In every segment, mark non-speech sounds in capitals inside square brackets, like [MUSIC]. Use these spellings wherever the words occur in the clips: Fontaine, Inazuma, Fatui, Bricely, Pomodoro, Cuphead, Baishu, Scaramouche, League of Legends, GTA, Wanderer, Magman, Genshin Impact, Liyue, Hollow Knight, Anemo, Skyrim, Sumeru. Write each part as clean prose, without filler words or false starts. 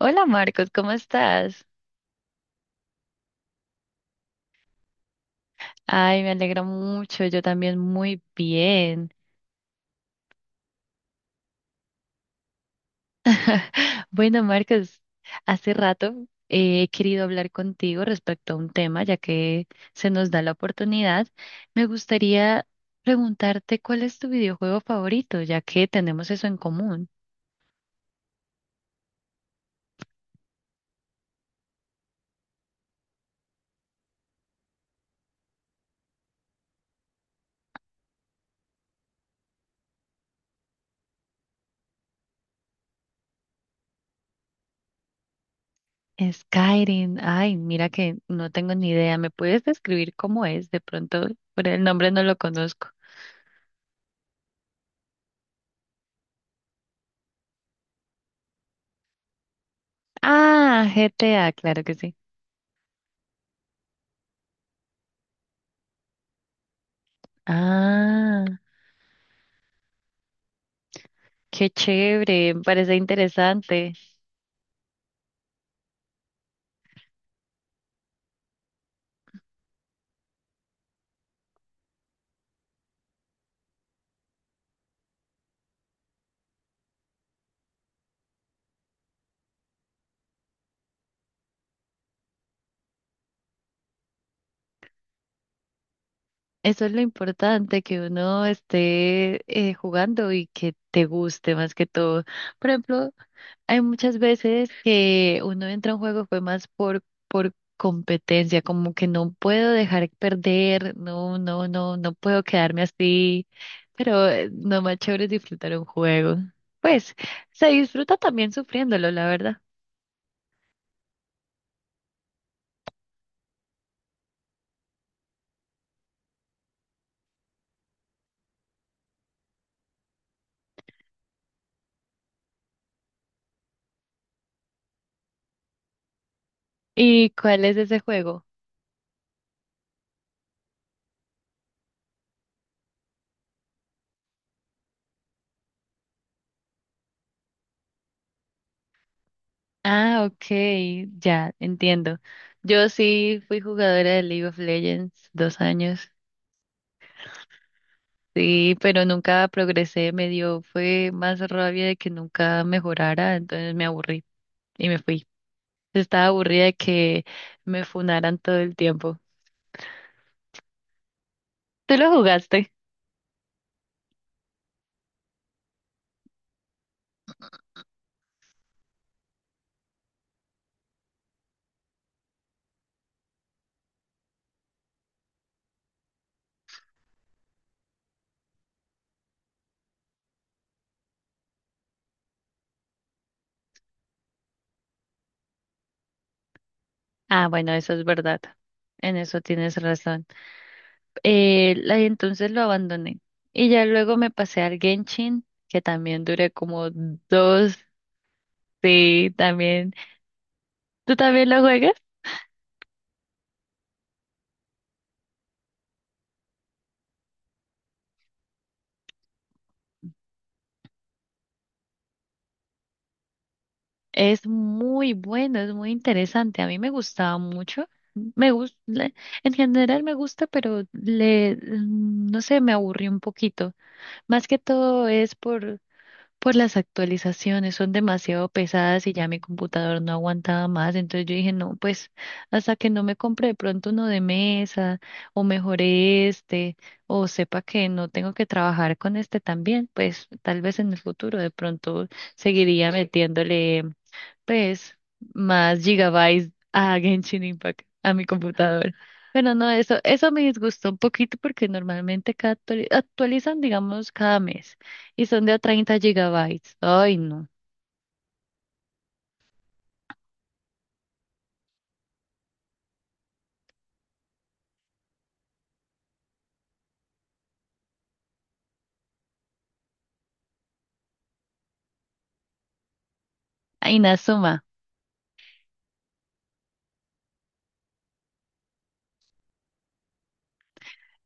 Hola Marcos, ¿cómo estás? Ay, me alegra mucho, yo también muy bien. Bueno, Marcos, hace rato he querido hablar contigo respecto a un tema, ya que se nos da la oportunidad. Me gustaría preguntarte cuál es tu videojuego favorito, ya que tenemos eso en común. Skyrim, ay, mira que no tengo ni idea. ¿Me puedes describir cómo es? De pronto, por el nombre no lo conozco. Ah, GTA, claro que sí. Ah. Qué chévere, me parece interesante. Eso es lo importante, que uno esté jugando y que te guste más que todo. Por ejemplo, hay muchas veces que uno entra a un juego fue más por competencia, como que no puedo dejar perder, no, no, no, no puedo quedarme así, pero no más chévere es disfrutar un juego. Pues se disfruta también sufriéndolo, la verdad. ¿Y cuál es ese juego? Ah, ok, ya, entiendo. Yo sí fui jugadora de League of Legends 2 años, sí, pero nunca progresé, me dio, fue más rabia de que nunca mejorara, entonces me aburrí y me fui. Estaba aburrida de que me funaran todo el tiempo. ¿Tú lo jugaste? Ah, bueno, eso es verdad. En eso tienes razón. Y entonces lo abandoné. Y ya luego me pasé al Genshin, que también duré como dos, sí, también. ¿Tú también lo juegas? Es muy bueno, es muy interesante. A mí me gustaba mucho. Me gusta, en general me gusta, pero no sé, me aburrió un poquito. Más que todo es por las actualizaciones, son demasiado pesadas y ya mi computador no aguantaba más. Entonces yo dije, no, pues hasta que no me compre de pronto uno de mesa o mejore este o sepa que no tengo que trabajar con este también, pues tal vez en el futuro de pronto seguiría metiéndole pues, más gigabytes a Genshin Impact a mi computador. Pero no, eso me disgustó un poquito porque normalmente cada actualizan, digamos, cada mes y son de a 30 gigabytes. Ay, no. Inazuma.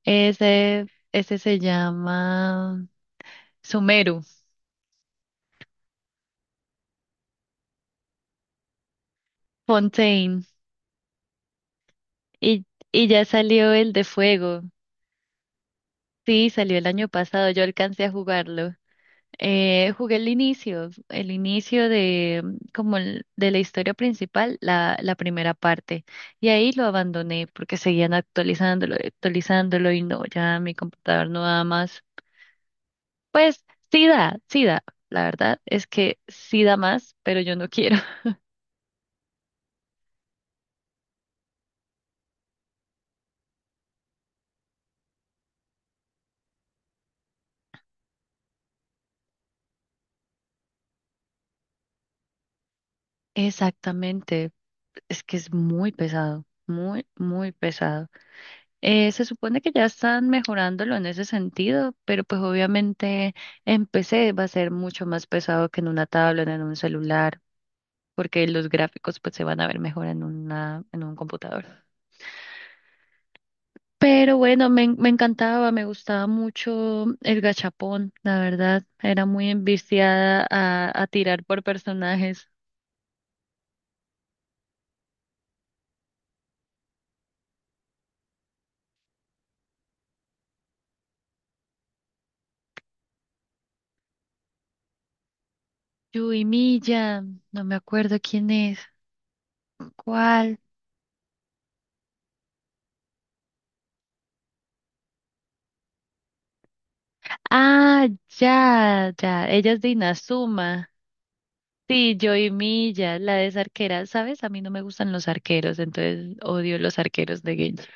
Ese, ese se llama Sumeru, Fontaine. Y, y ya salió el de fuego. Sí, salió el año pasado. Yo alcancé a jugarlo. Jugué el inicio de mm, como el- de la historia principal, la primera parte, y ahí lo abandoné porque seguían actualizándolo, actualizándolo y no, ya mi computador no da más. Pues sí da, sí da, la verdad es que sí da más, pero yo no quiero. [LAUGHS] Exactamente, es que es muy pesado, muy, muy pesado. Se supone que ya están mejorándolo en ese sentido, pero pues obviamente en PC va a ser mucho más pesado que en una tablet, en un celular, porque los gráficos pues se van a ver mejor en una, en un computador. Pero bueno, me encantaba, me gustaba mucho el gachapón, la verdad, era muy enviciada a tirar por personajes. Yui Milla, no me acuerdo quién es, cuál. Ah, ya, ya, ella es de Inazuma. Sí, Joey Milla, la de esa arquera, ¿sabes? A mí no me gustan los arqueros, entonces odio los arqueros de Genshin.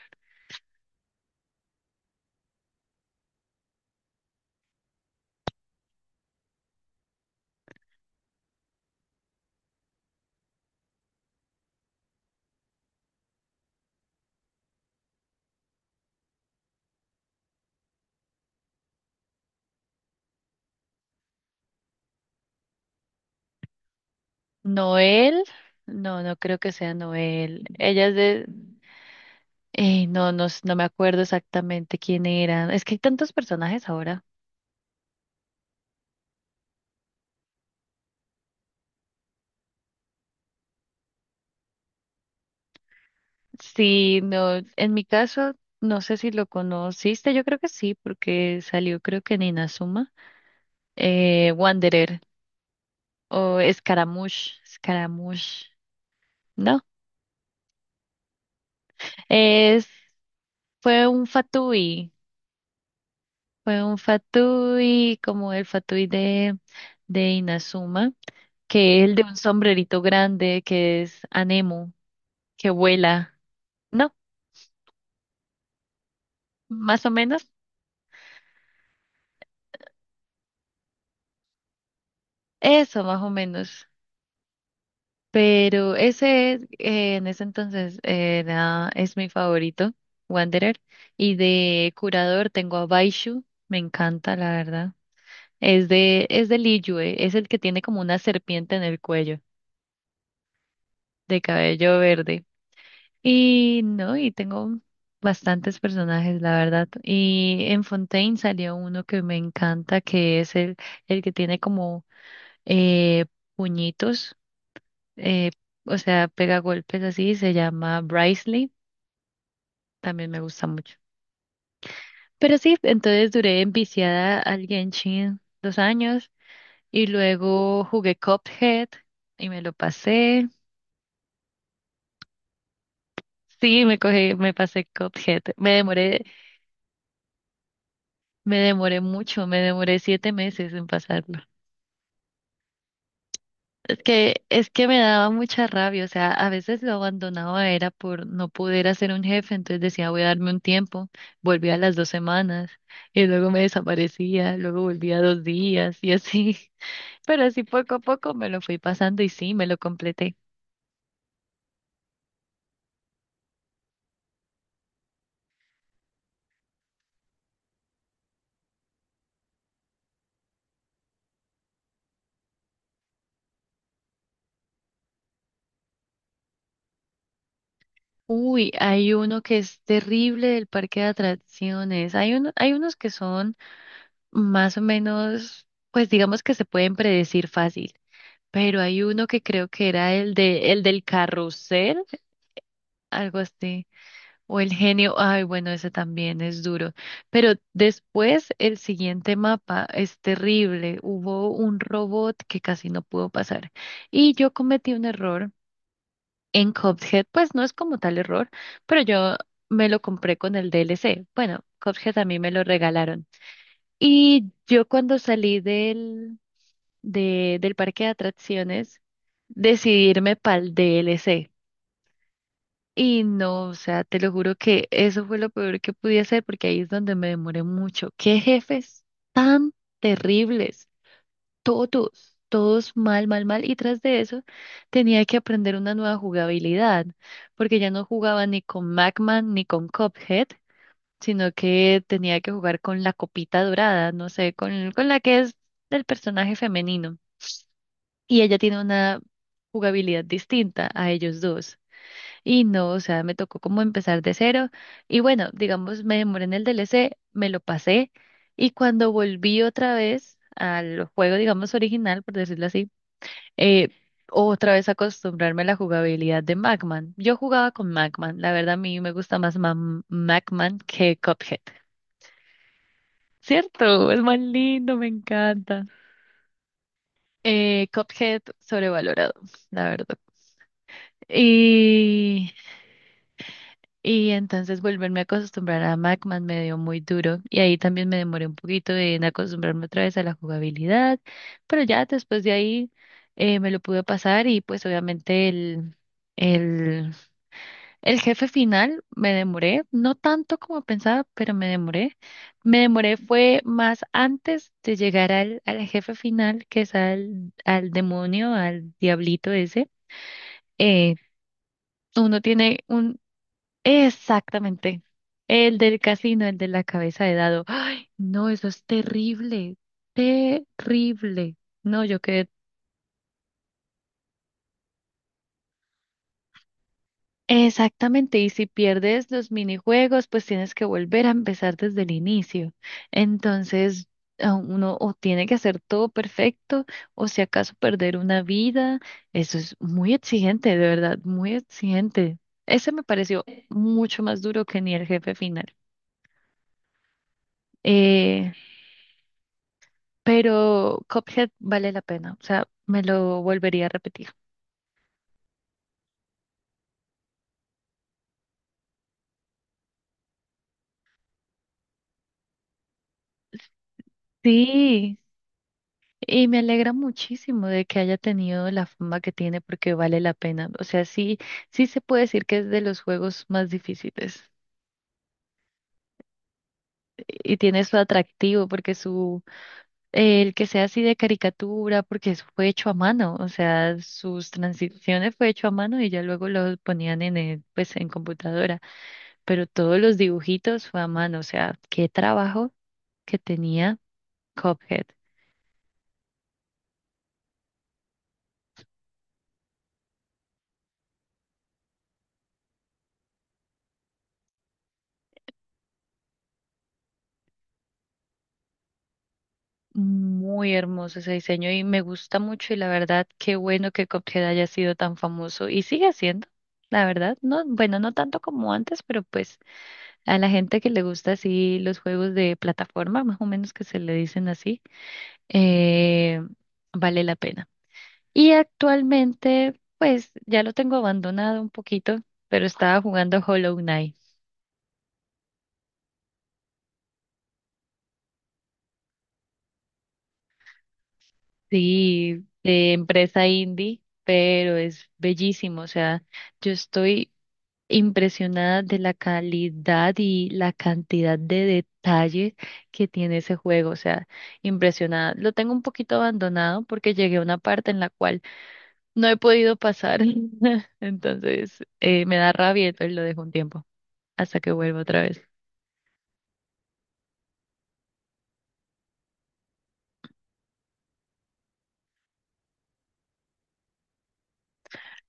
Noel, no, no creo que sea Noel. Ella es de... No, no, no me acuerdo exactamente quién era. Es que hay tantos personajes ahora. Sí, no, en mi caso, no sé si lo conociste, yo creo que sí, porque salió creo que en Inazuma. Wanderer o Scaramouche, Scaramouche, ¿no? Es, fue un Fatui. Fue un fatui, como el fatui de Inazuma, que es el de un sombrerito grande, que es Anemo, que vuela. No, más o menos, eso más o menos. Pero ese, en ese entonces, era, es mi favorito, Wanderer. Y de curador tengo a Baishu, me encanta, la verdad. Es del Liyue, es el que tiene como una serpiente en el cuello, de cabello verde. Y no, y tengo bastantes personajes, la verdad. Y en Fontaine salió uno que me encanta, que es el que tiene como eh, puñitos, eh, o sea, pega golpes así, se llama Bricely, también me gusta mucho. Pero sí, entonces duré enviciada al Genshin 2 años y luego jugué Cuphead y me lo pasé. Sí, me pasé Cuphead. Me demoré mucho, me demoré 7 meses en pasarlo. Es que me daba mucha rabia, o sea, a veces lo abandonaba era por no poder hacer un jefe, entonces decía voy a darme un tiempo, volvía a las 2 semanas y luego me desaparecía, luego volvía 2 días y así, [LAUGHS] pero así poco a poco me lo fui pasando y sí, me lo completé. Uy, hay uno que es terrible del parque de atracciones, hay uno, hay unos que son más o menos, pues digamos que se pueden predecir fácil. Pero hay uno que creo que era el del carrusel, algo así, o el genio, ay, bueno, ese también es duro. Pero después el siguiente mapa es terrible. Hubo un robot que casi no pudo pasar. Y yo cometí un error en Cuphead, pues no es como tal error, pero yo me lo compré con el DLC. Bueno, Cuphead a mí me lo regalaron. Y yo cuando salí del parque de atracciones decidirme para el DLC. Y no, o sea, te lo juro que eso fue lo peor que pude hacer porque ahí es donde me demoré mucho. Qué jefes tan terribles, todos, todos mal, mal, mal. Y tras de eso tenía que aprender una nueva jugabilidad porque ya no jugaba ni con Magman ni con Cuphead, sino que tenía que jugar con la copita dorada, no sé, con la que es del personaje femenino. Y ella tiene una jugabilidad distinta a ellos dos. Y no, o sea, me tocó como empezar de cero. Y bueno, digamos, me demoré en el DLC, me lo pasé. Y cuando volví otra vez al juego, digamos, original, por decirlo así, eh, otra vez acostumbrarme a la jugabilidad de Magman. Yo jugaba con Magman. La verdad, a mí me gusta más Magman que Cuphead. ¿Cierto? Es más lindo, me encanta. Cuphead sobrevalorado, la verdad. Y Y entonces volverme a acostumbrar a Macman me dio muy duro y ahí también me demoré un poquito en acostumbrarme otra vez a la jugabilidad, pero ya después de ahí me lo pude pasar y pues obviamente el, el jefe final me demoré, no tanto como pensaba, pero me demoré. Me demoré fue más antes de llegar al jefe final, que es al demonio, al diablito ese. Eh, Uno tiene un. Exactamente. El del casino, el de la cabeza de dado. Ay, no, eso es terrible, terrible. No, yo quedé. Exactamente, y si pierdes los minijuegos, pues tienes que volver a empezar desde el inicio. Entonces, a uno o tiene que hacer todo perfecto, o si acaso perder una vida. Eso es muy exigente, de verdad, muy exigente. Ese me pareció mucho más duro que ni el jefe final. Eh, pero Cuphead vale la pena, o sea, me lo volvería a repetir. Sí, y me alegra muchísimo de que haya tenido la fama que tiene porque vale la pena. O sea, sí, sí se puede decir que es de los juegos más difíciles y tiene su atractivo porque el que sea así de caricatura, porque eso fue hecho a mano, o sea, sus transiciones fue hecho a mano y ya luego lo ponían pues, en computadora, pero todos los dibujitos fue a mano, o sea, qué trabajo que tenía Cuphead. Muy hermoso ese diseño y me gusta mucho y la verdad, qué bueno que Cuphead haya sido tan famoso y sigue siendo, la verdad, no, bueno, no tanto como antes, pero pues a la gente que le gusta así los juegos de plataforma, más o menos que se le dicen así, eh, vale la pena. Y actualmente, pues ya lo tengo abandonado un poquito, pero estaba jugando Hollow Knight, sí, de empresa indie, pero es bellísimo, o sea. Yo estoy impresionada de la calidad y la cantidad de detalles que tiene ese juego, o sea, impresionada. Lo tengo un poquito abandonado porque llegué a una parte en la cual no he podido pasar, [LAUGHS] entonces me da rabia, entonces lo dejo un tiempo hasta que vuelva otra vez.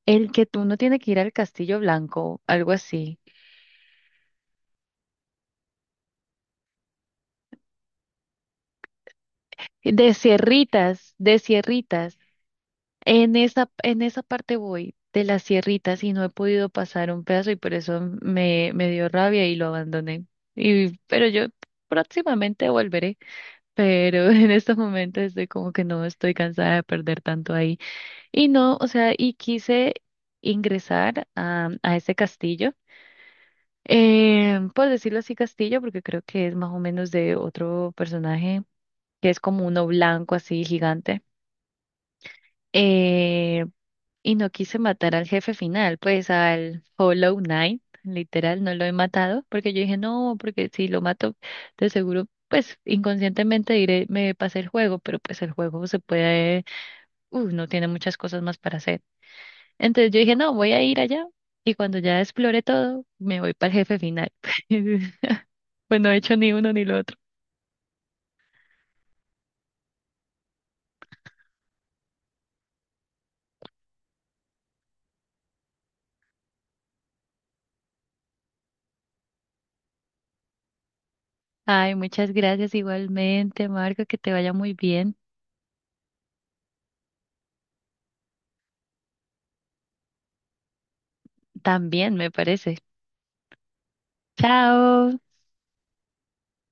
El que tú no tienes que ir al Castillo Blanco, algo así. De Sierritas, de Sierritas. En esa parte voy de las sierritas y no he podido pasar un pedazo y por eso me dio rabia y lo abandoné. Pero yo próximamente volveré, pero [LAUGHS] en estos momentos estoy como que no estoy cansada de perder tanto ahí. Y no, o sea, y quise ingresar a ese castillo. Por decirlo así, castillo, porque creo que es más o menos de otro personaje que es como uno blanco así gigante. Eh, Y no quise matar al jefe final, pues al Hollow Knight, literal, no lo he matado, porque yo dije, no, porque si lo mato, de seguro, pues inconscientemente diré, me pasé el juego, pero pues el juego se puede, no tiene muchas cosas más para hacer. Entonces yo dije, no, voy a ir allá, y cuando ya explore todo, me voy para el jefe final. [LAUGHS] Pues no he hecho ni uno ni lo otro. Ay, muchas gracias igualmente, Marco, que te vaya muy bien. También, me parece. Chao.